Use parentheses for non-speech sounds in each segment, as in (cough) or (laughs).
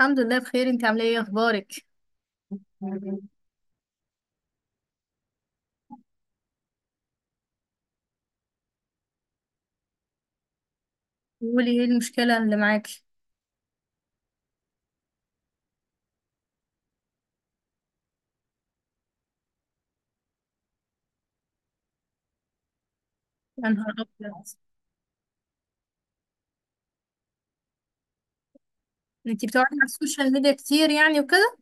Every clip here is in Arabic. الحمد لله بخير. انت عامله ايه؟ اخبارك؟ قولي ايه المشكله اللي معاكي. يا نهار ابيض! انت بتقعدي على السوشيال ميديا كتير يعني وكده.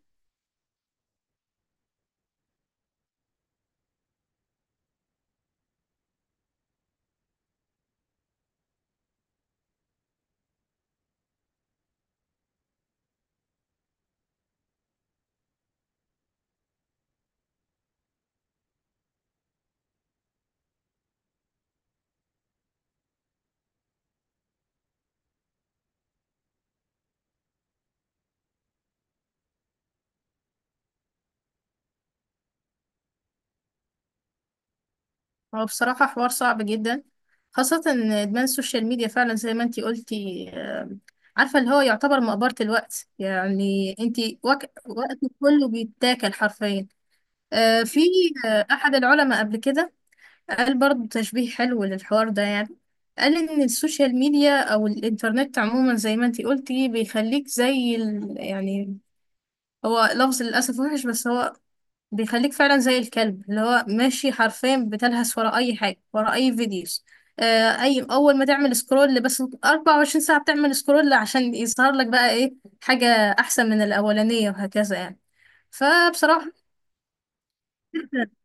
هو بصراحه حوار صعب جدا، خاصه ان ادمان السوشيال ميديا فعلا زي ما انت قلتي، عارفه اللي هو يعتبر مقبره الوقت، يعني انت وقتك كله بيتاكل حرفيا. آه، في آه، احد العلماء قبل كده قال برضه تشبيه حلو للحوار ده، يعني قال إن السوشيال ميديا أو الإنترنت عموما زي ما انتي قلتي بيخليك يعني هو لفظ للأسف وحش، بس هو بيخليك فعلا زي الكلب اللي هو ماشي حرفيا، بتلهث ورا أي حاجة، ورا أي فيديوز، أي أول ما تعمل سكرول. بس 24 ساعة بتعمل سكرول عشان يظهر لك بقى إيه؟ حاجة أحسن من الأولانية وهكذا يعني. فبصراحة (laughs)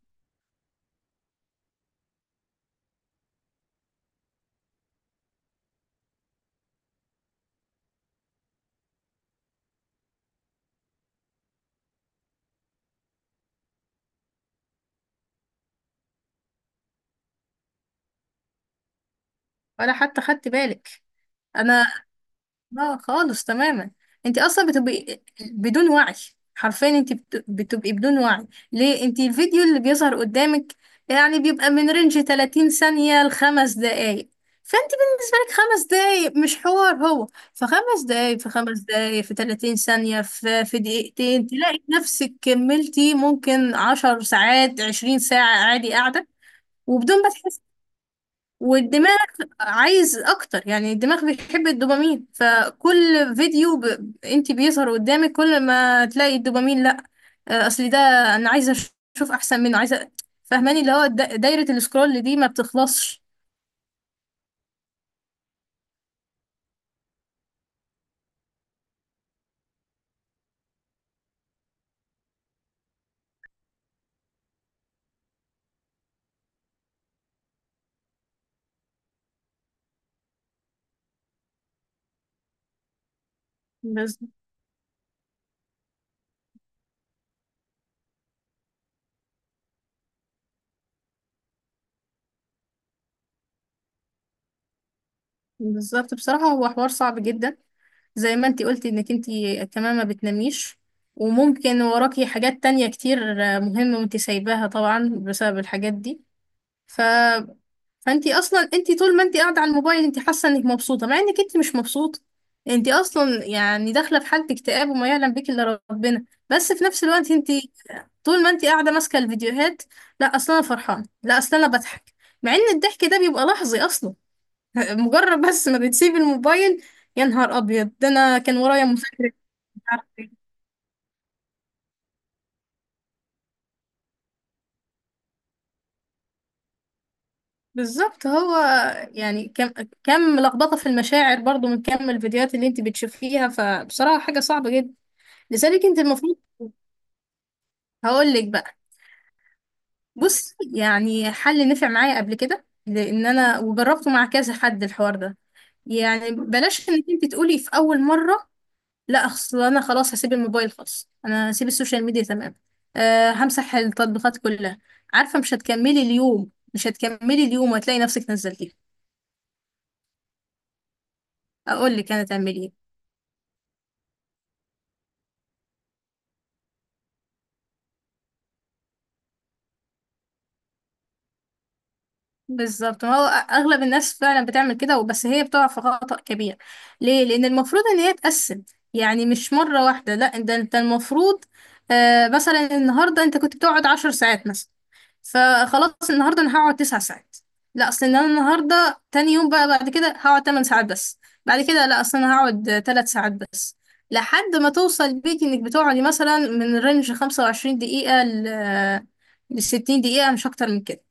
ولا حتى خدت بالك. انا لا، خالص تماما. انت اصلا بتبقي بدون وعي، حرفيا بتبقي بدون وعي. ليه؟ انت الفيديو اللي بيظهر قدامك يعني بيبقى من رينج 30 ثانية لخمس دقايق، فانت بالنسبة لك خمس دقايق مش حوار. هو فخمس دقايق في خمس دقايق في 30 ثانية في دقيقتين تلاقي نفسك كملتي ممكن عشر ساعات، عشرين ساعة عادي قاعدة وبدون ما تحسي. والدماغ عايز اكتر، يعني الدماغ بيحب الدوبامين. فكل انت بيظهر قدامك كل ما تلاقي الدوبامين لا، اصل ده انا عايزه اشوف احسن منه، عايزه، فاهماني؟ اللي هو دايره السكرول دي ما بتخلصش. بز- بالظبط، بصراحه هو حوار صعب جدا. زي ما انت قلتي انك انت كمان ما بتناميش، وممكن وراكي حاجات تانية كتير مهمة وانت سايباها طبعا بسبب الحاجات دي. فانتي اصلا انتي طول ما انتي قاعده على الموبايل انتي حاسه انك مبسوطه مع انك انتي مش مبسوطه. انتي اصلا يعني داخله في حاله اكتئاب، وما يعلم بك الا ربنا. بس في نفس الوقت انتي طول ما انتي قاعده ماسكه الفيديوهات، لا اصلا انا فرحانه، لا اصلا انا بضحك، مع ان الضحك ده بيبقى لحظي اصلا. (laughs) مجرد بس ما بتسيب الموبايل. يا نهار ابيض! ده انا كان ورايا مذاكره مش عارفة إيه. بالظبط. هو يعني كم لخبطه في المشاعر برضو، من كم الفيديوهات اللي انتي بتشوفيها. فبصراحه حاجه صعبه جدا. لذلك انت المفروض، هقول لك بقى. بص، يعني حل نفع معايا قبل كده لان انا وجربته مع كذا حد الحوار ده. يعني بلاش انك انت تقولي في اول مره: لا اصل انا خلاص هسيب الموبايل خالص، انا هسيب السوشيال ميديا تمام، همسح التطبيقات كلها. عارفه مش هتكملي اليوم، مش هتكملي اليوم، وهتلاقي نفسك نزلتيه. اقول لك انا تعملي إيه. بالظبط. هو اغلب الناس فعلا بتعمل كده، وبس هي بتقع في خطأ كبير. ليه؟ لان المفروض ان هي تقسم. يعني مش مرة واحدة، لا، ده انت المفروض مثلا النهاردة انت كنت بتقعد عشر ساعات مثلا، فخلاص النهارده انا هقعد تسع ساعات، لا اصل ان انا النهارده تاني يوم بقى بعد كده هقعد تمن ساعات بس، بعد كده لا اصل انا هقعد تلات ساعات بس، لحد ما توصل بيك انك بتقعدي مثلا من رينج 25 دقيقة لستين دقيقة، مش اكتر من كده.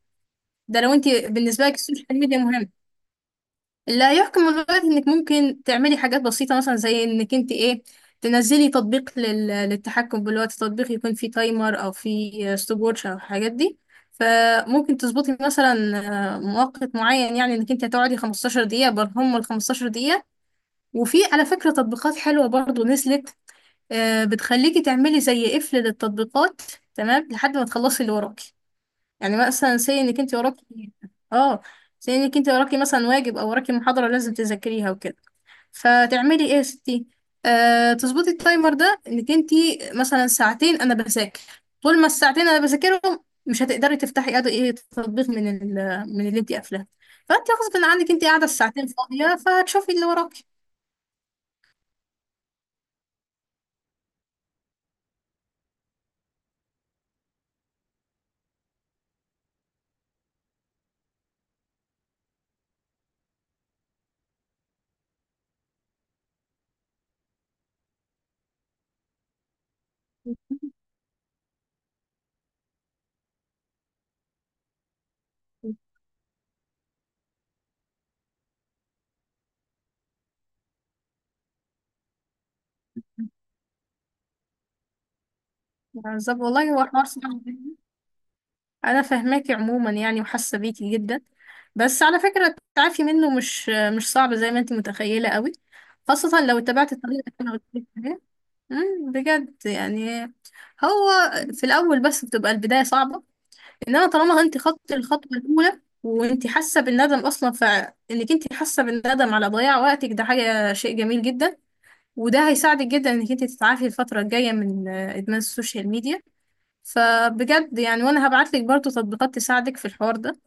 ده لو انت بالنسبه لك السوشيال ميديا مهم لا يحكم الغاية. انك ممكن تعملي حاجات بسيطه مثلا، زي انك انت ايه، تنزلي تطبيق للتحكم بالوقت. تطبيق يكون فيه تايمر، او فيه ستوب ووتش، او الحاجات دي. فممكن تظبطي مثلا مؤقت معين، يعني انك انت هتقعدي 15 دقيقه. برهم ال 15 دقيقه. وفي على فكره تطبيقات حلوه برضو نزلت، بتخليكي تعملي زي قفل للتطبيقات، تمام، لحد ما تخلصي اللي وراكي. يعني مثلا سي انك انت وراكي، اه، سي انك انت وراكي مثلا واجب، او وراكي محاضرة لازم تذاكريها وكده، فتعملي ايه يا ستي؟ تظبطي التايمر ده، انك انت مثلا ساعتين انا بذاكر، طول ما الساعتين انا بذاكرهم مش هتقدري تفتحي ايه تطبيق من اللي انت قافلاه. فانت غصب عنك انت قاعدة الساعتين فاضية، فهتشوفي اللي وراكي. بالظبط والله، هو حوار صعب جدا. انا فاهماكي عموما يعني، وحاسه بيكي جدا. بس على فكره التعافي منه مش صعب زي ما انت متخيله قوي، خاصه لو اتبعت الطريقه اللي انا قلت لك عليها. بجد يعني. هو في الاول بس بتبقى البدايه صعبه، انما طالما انت خدتي الخطوه الاولى وانت حاسه بالندم اصلا، فانك انت حاسه بالندم على ضياع وقتك، ده حاجه شيء جميل جدا. وده هيساعدك جدا انك انت تتعافي الفتره الجايه من ادمان السوشيال ميديا. فبجد يعني، وانا هبعتلك برضو تطبيقات تساعدك في الحوار ده.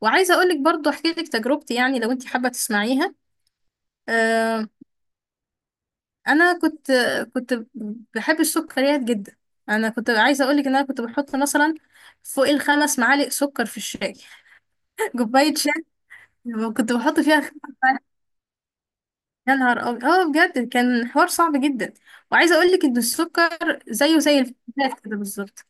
وعايزه اقولك برضو احكي لك تجربتي، يعني لو انت حابه تسمعيها. آه انا كنت بحب السكريات جدا. انا كنت عايزه اقولك ان انا كنت بحط مثلا فوق الخمس معالق سكر في الشاي. (laughs) كوبايه شاي كنت بحط فيها خمس معالق. يا نهار ابيض! اه بجد كان حوار صعب جدا. وعايزه اقولك ان السكر زيه زي الفلفلات كده بالظبط.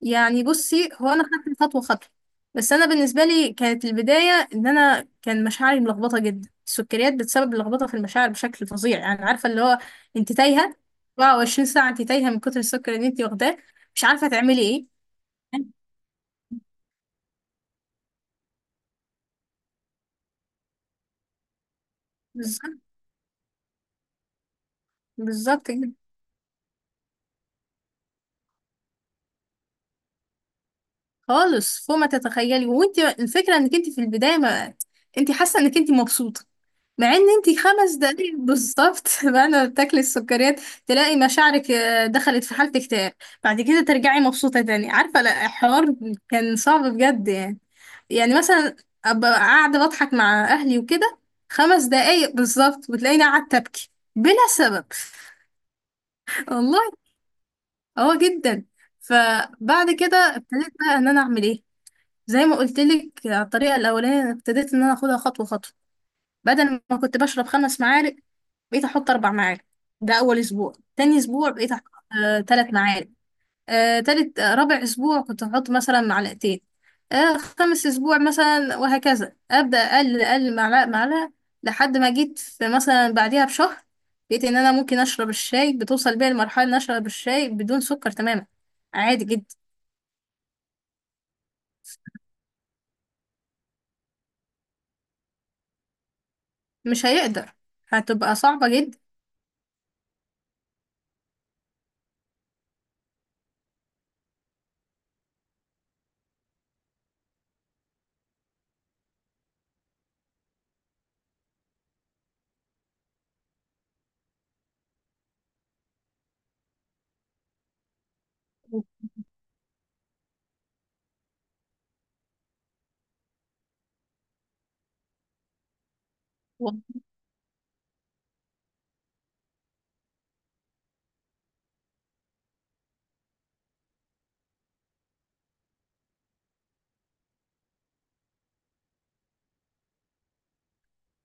يعني بصي، هو انا خدت خطوه خطوه. بس انا بالنسبه لي كانت البدايه ان انا كان مشاعري ملخبطه جدا. السكريات بتسبب لخبطه في المشاعر بشكل فظيع، يعني عارفه اللي هو انت تايهه. 24 ساعه انت تايهه من كتر السكر اللي انت واخداه، مش عارفه تعملي ايه. بالظبط، بالظبط كده. خالص فوق ما تتخيلي. وانت الفكره انك انت في البدايه ما انت حاسه انك انت مبسوطه، مع ان انتي خمس دقايق بالظبط (laughs) بعد ما بتاكلي السكريات تلاقي مشاعرك دخلت في حالة اكتئاب. بعد كده ترجعي مبسوطة تاني، عارفة؟ لا الحوار كان صعب بجد يعني. يعني مثلا ابقى قاعدة بضحك مع اهلي وكده، خمس دقايق بالظبط وتلاقيني قاعدة ابكي بلا سبب. (laughs) والله اه جدا. فبعد كده ابتديت بقى ان انا اعمل ايه، زي ما قلت لك الطريقه الاولانيه. أنا ابتديت ان انا اخدها خطوه خطوه. بدل ما كنت بشرب خمس معالق بقيت احط اربع معالق، ده اول اسبوع. تاني اسبوع بقيت احط تلات معالق. آه تالت آه رابع اسبوع كنت احط مثلا معلقتين. خامس اسبوع مثلا، وهكذا ابدا اقل اقل معلقه معلقه، لحد ما جيت في مثلا بعديها بشهر لقيت ان انا ممكن اشرب الشاي. بتوصل بيا المرحله ان اشرب الشاي بدون سكر تماما، عادي جدا. مش هيقدر، هتبقى صعبة جدا.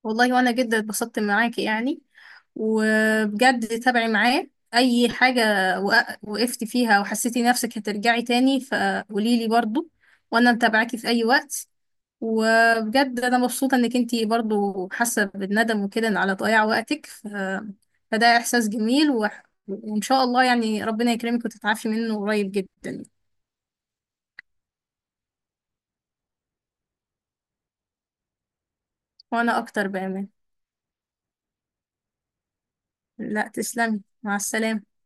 والله وانا جدا اتبسطت معاكي يعني، وبجد تابعي معاه اي حاجة وقفتي فيها وحسيتي نفسك هترجعي تاني فقوليلي برضو، وانا متابعاكي في اي وقت. وبجد انا مبسوطة انك انتي برضو حاسة بالندم وكده على ضياع وقتك. فده احساس جميل، وان شاء الله يعني ربنا يكرمك وتتعافي منه قريب جدا. وانا اكتر بامان. لا، تسلمي، مع السلامة.